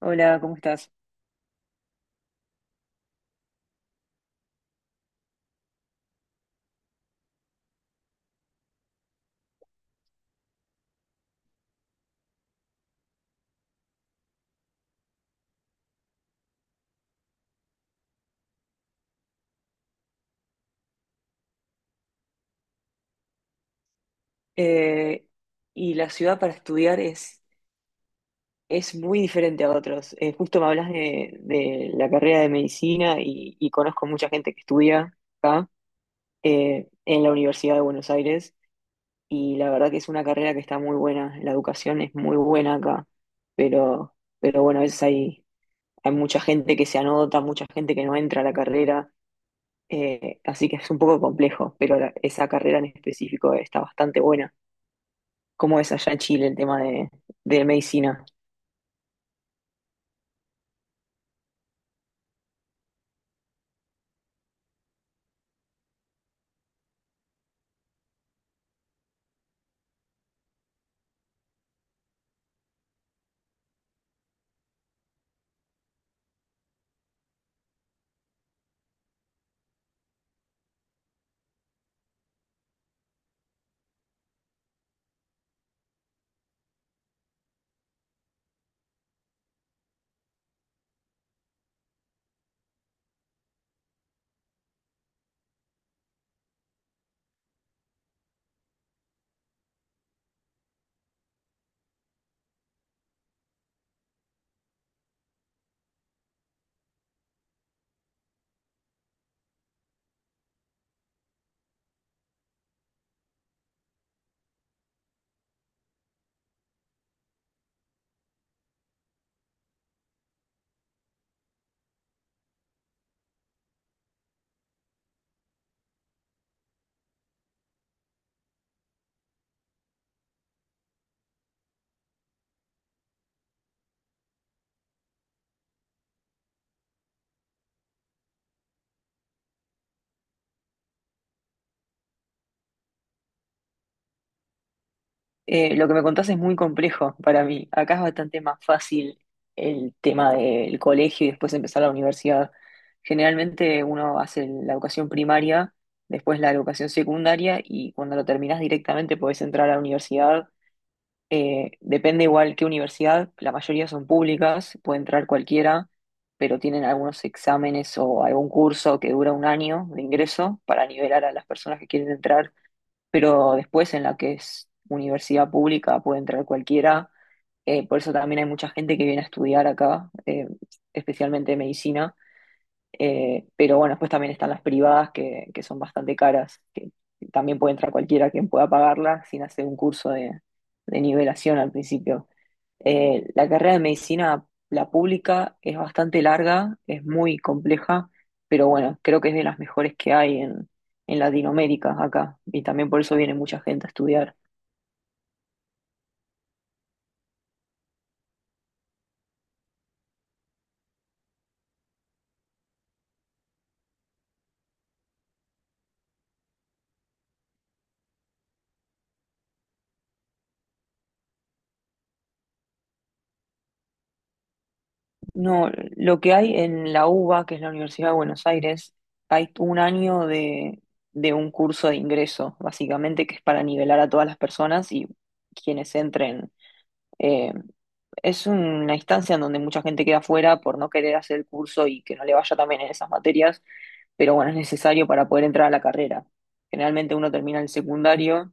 Hola, ¿cómo estás? Eh, y la ciudad para estudiar es muy diferente a otros. Justo me hablas de la carrera de medicina y conozco mucha gente que estudia acá en la Universidad de Buenos Aires, y la verdad que es una carrera que está muy buena. La educación es muy buena acá, pero bueno, a veces hay mucha gente que se anota, mucha gente que no entra a la carrera. Así que es un poco complejo, pero esa carrera en específico está bastante buena. ¿Cómo es allá en Chile el tema de medicina? Lo que me contás es muy complejo para mí. Acá es bastante más fácil el tema del colegio y después empezar la universidad. Generalmente uno hace la educación primaria, después la educación secundaria, y cuando lo terminás directamente podés entrar a la universidad. Depende igual qué universidad, la mayoría son públicas, puede entrar cualquiera, pero tienen algunos exámenes o algún curso que dura un año de ingreso para nivelar a las personas que quieren entrar. Pero después en la que es universidad pública puede entrar cualquiera. Por eso también hay mucha gente que viene a estudiar acá, especialmente medicina. Pero bueno, después también están las privadas que son bastante caras, que también puede entrar cualquiera quien pueda pagarlas sin hacer un curso de nivelación al principio. La carrera de medicina, la pública, es bastante larga, es muy compleja, pero bueno, creo que es de las mejores que hay en Latinoamérica acá, y también por eso viene mucha gente a estudiar. No, lo que hay en la UBA, que es la Universidad de Buenos Aires, hay un año de un curso de ingreso, básicamente, que es para nivelar a todas las personas y quienes entren. Eh, es una instancia en donde mucha gente queda fuera por no querer hacer el curso y que no le vaya también en esas materias, pero bueno, es necesario para poder entrar a la carrera. Generalmente uno termina el secundario.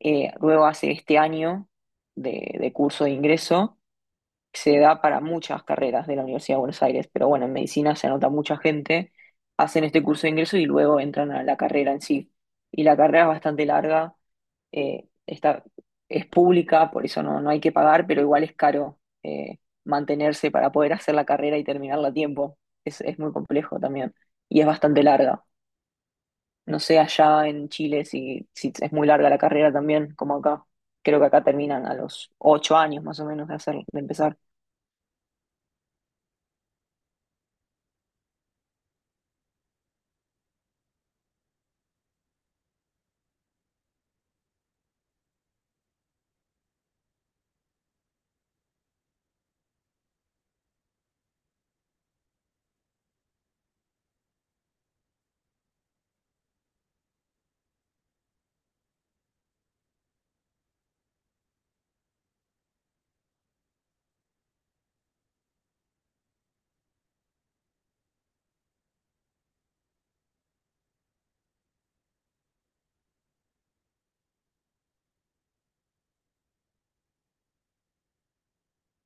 Luego hace este año de curso de ingreso. Se da para muchas carreras de la Universidad de Buenos Aires, pero bueno, en medicina se anota mucha gente, hacen este curso de ingreso y luego entran a la carrera en sí. Y la carrera es bastante larga. eh, está, es pública, por eso no, no hay que pagar, pero igual es caro mantenerse para poder hacer la carrera y terminarla a tiempo. Es muy complejo también, y es bastante larga. No sé allá en Chile si es muy larga la carrera también, como acá. Creo que acá terminan a los ocho años más o menos de hacer, de empezar.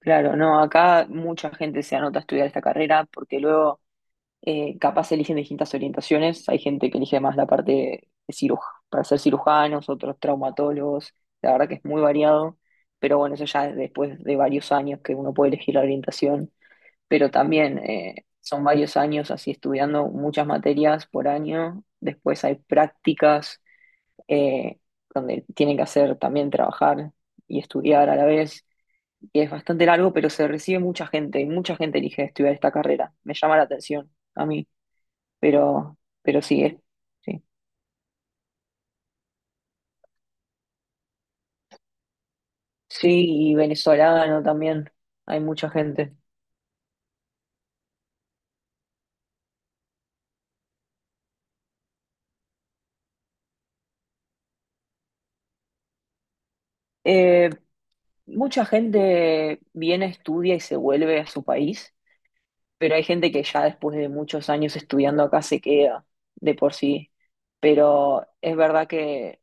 Claro, no, acá mucha gente se anota a estudiar esta carrera porque luego capaz eligen distintas orientaciones. Hay gente que elige más la parte de para ser cirujanos, otros traumatólogos. La verdad que es muy variado, pero bueno, eso ya es después de varios años que uno puede elegir la orientación. Pero también son varios años así estudiando muchas materias por año. Después hay prácticas eh, donde tienen que hacer también trabajar y estudiar a la vez, y es bastante largo, pero se recibe mucha gente, y mucha gente elige estudiar esta carrera. Me llama la atención a mí, pero sí, sí. Sí, y venezolano también, hay mucha gente. Eh, Mucha gente viene, estudia y se vuelve a su país, pero hay gente que ya después de muchos años estudiando acá se queda de por sí. Pero es verdad que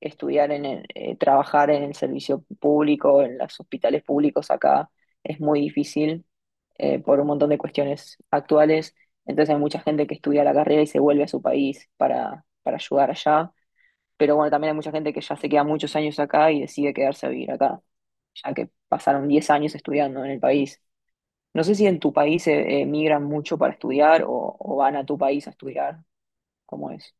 estudiar en trabajar en el servicio público, en los hospitales públicos acá, es muy difícil por un montón de cuestiones actuales. Entonces hay mucha gente que estudia la carrera y se vuelve a su país para ayudar allá. Pero bueno, también hay mucha gente que ya se queda muchos años acá y decide quedarse a vivir acá, ya que pasaron 10 años estudiando en el país. No sé si en tu país migran mucho para estudiar o van a tu país a estudiar, ¿cómo es?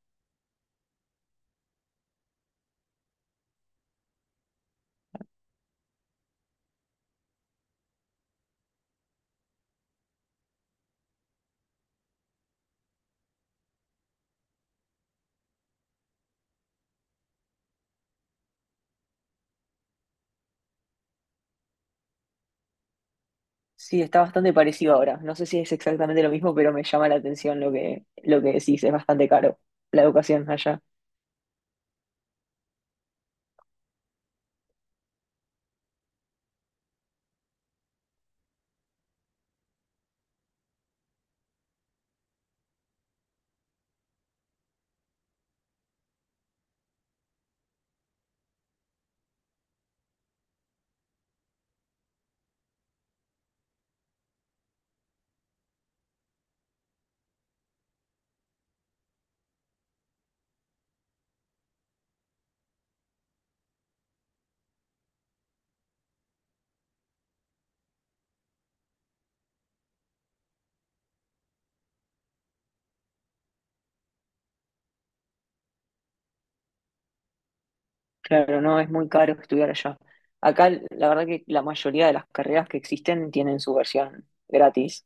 Sí, está bastante parecido ahora. No sé si es exactamente lo mismo, pero me llama la atención lo lo que decís. Es bastante caro la educación allá. Claro, no, es muy caro estudiar allá. Acá, la verdad que la mayoría de las carreras que existen tienen su versión gratis.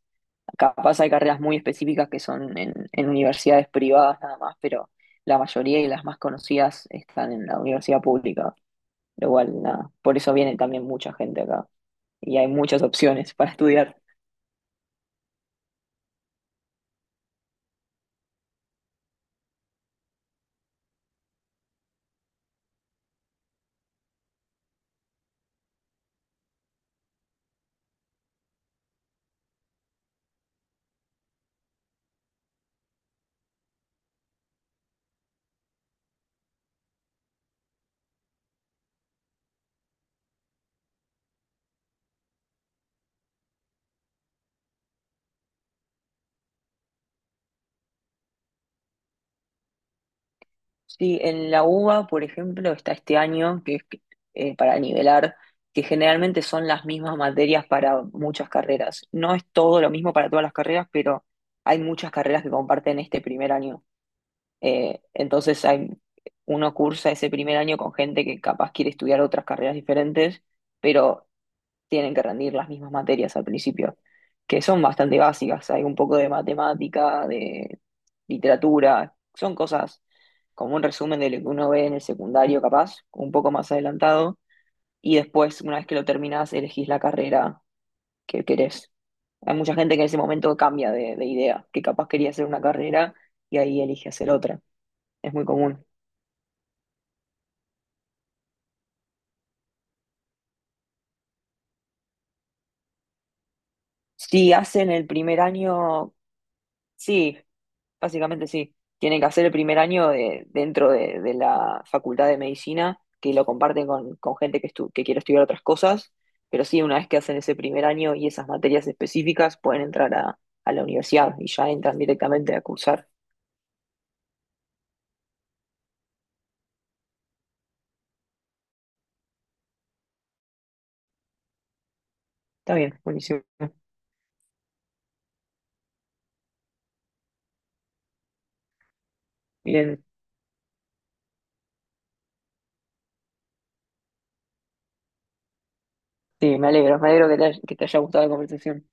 Capaz hay carreras muy específicas que son en universidades privadas nada más, pero la mayoría y las más conocidas están en la universidad pública. Pero igual, nada, por eso viene también mucha gente acá, y hay muchas opciones para estudiar. Sí, en la UBA, por ejemplo, está este año, que es para nivelar, que generalmente son las mismas materias para muchas carreras. No es todo lo mismo para todas las carreras, pero hay muchas carreras que comparten este primer año. Entonces uno cursa ese primer año con gente que capaz quiere estudiar otras carreras diferentes, pero tienen que rendir las mismas materias al principio, que son bastante básicas. Hay un poco de matemática, de literatura, son cosas como un resumen de lo que uno ve en el secundario, capaz, un poco más adelantado. Y después, una vez que lo terminás, elegís la carrera que querés. Hay mucha gente que en ese momento cambia de idea, que capaz quería hacer una carrera y ahí elige hacer otra. Es muy común. Si hacen el primer año, sí, básicamente sí, tienen que hacer el primer año dentro de la Facultad de Medicina, que lo comparten con gente que quiere estudiar otras cosas, pero sí, una vez que hacen ese primer año y esas materias específicas, pueden entrar a la universidad y ya entran directamente a cursar. Está bien, buenísimo. Bien, sí, me alegro que que te haya gustado la conversación.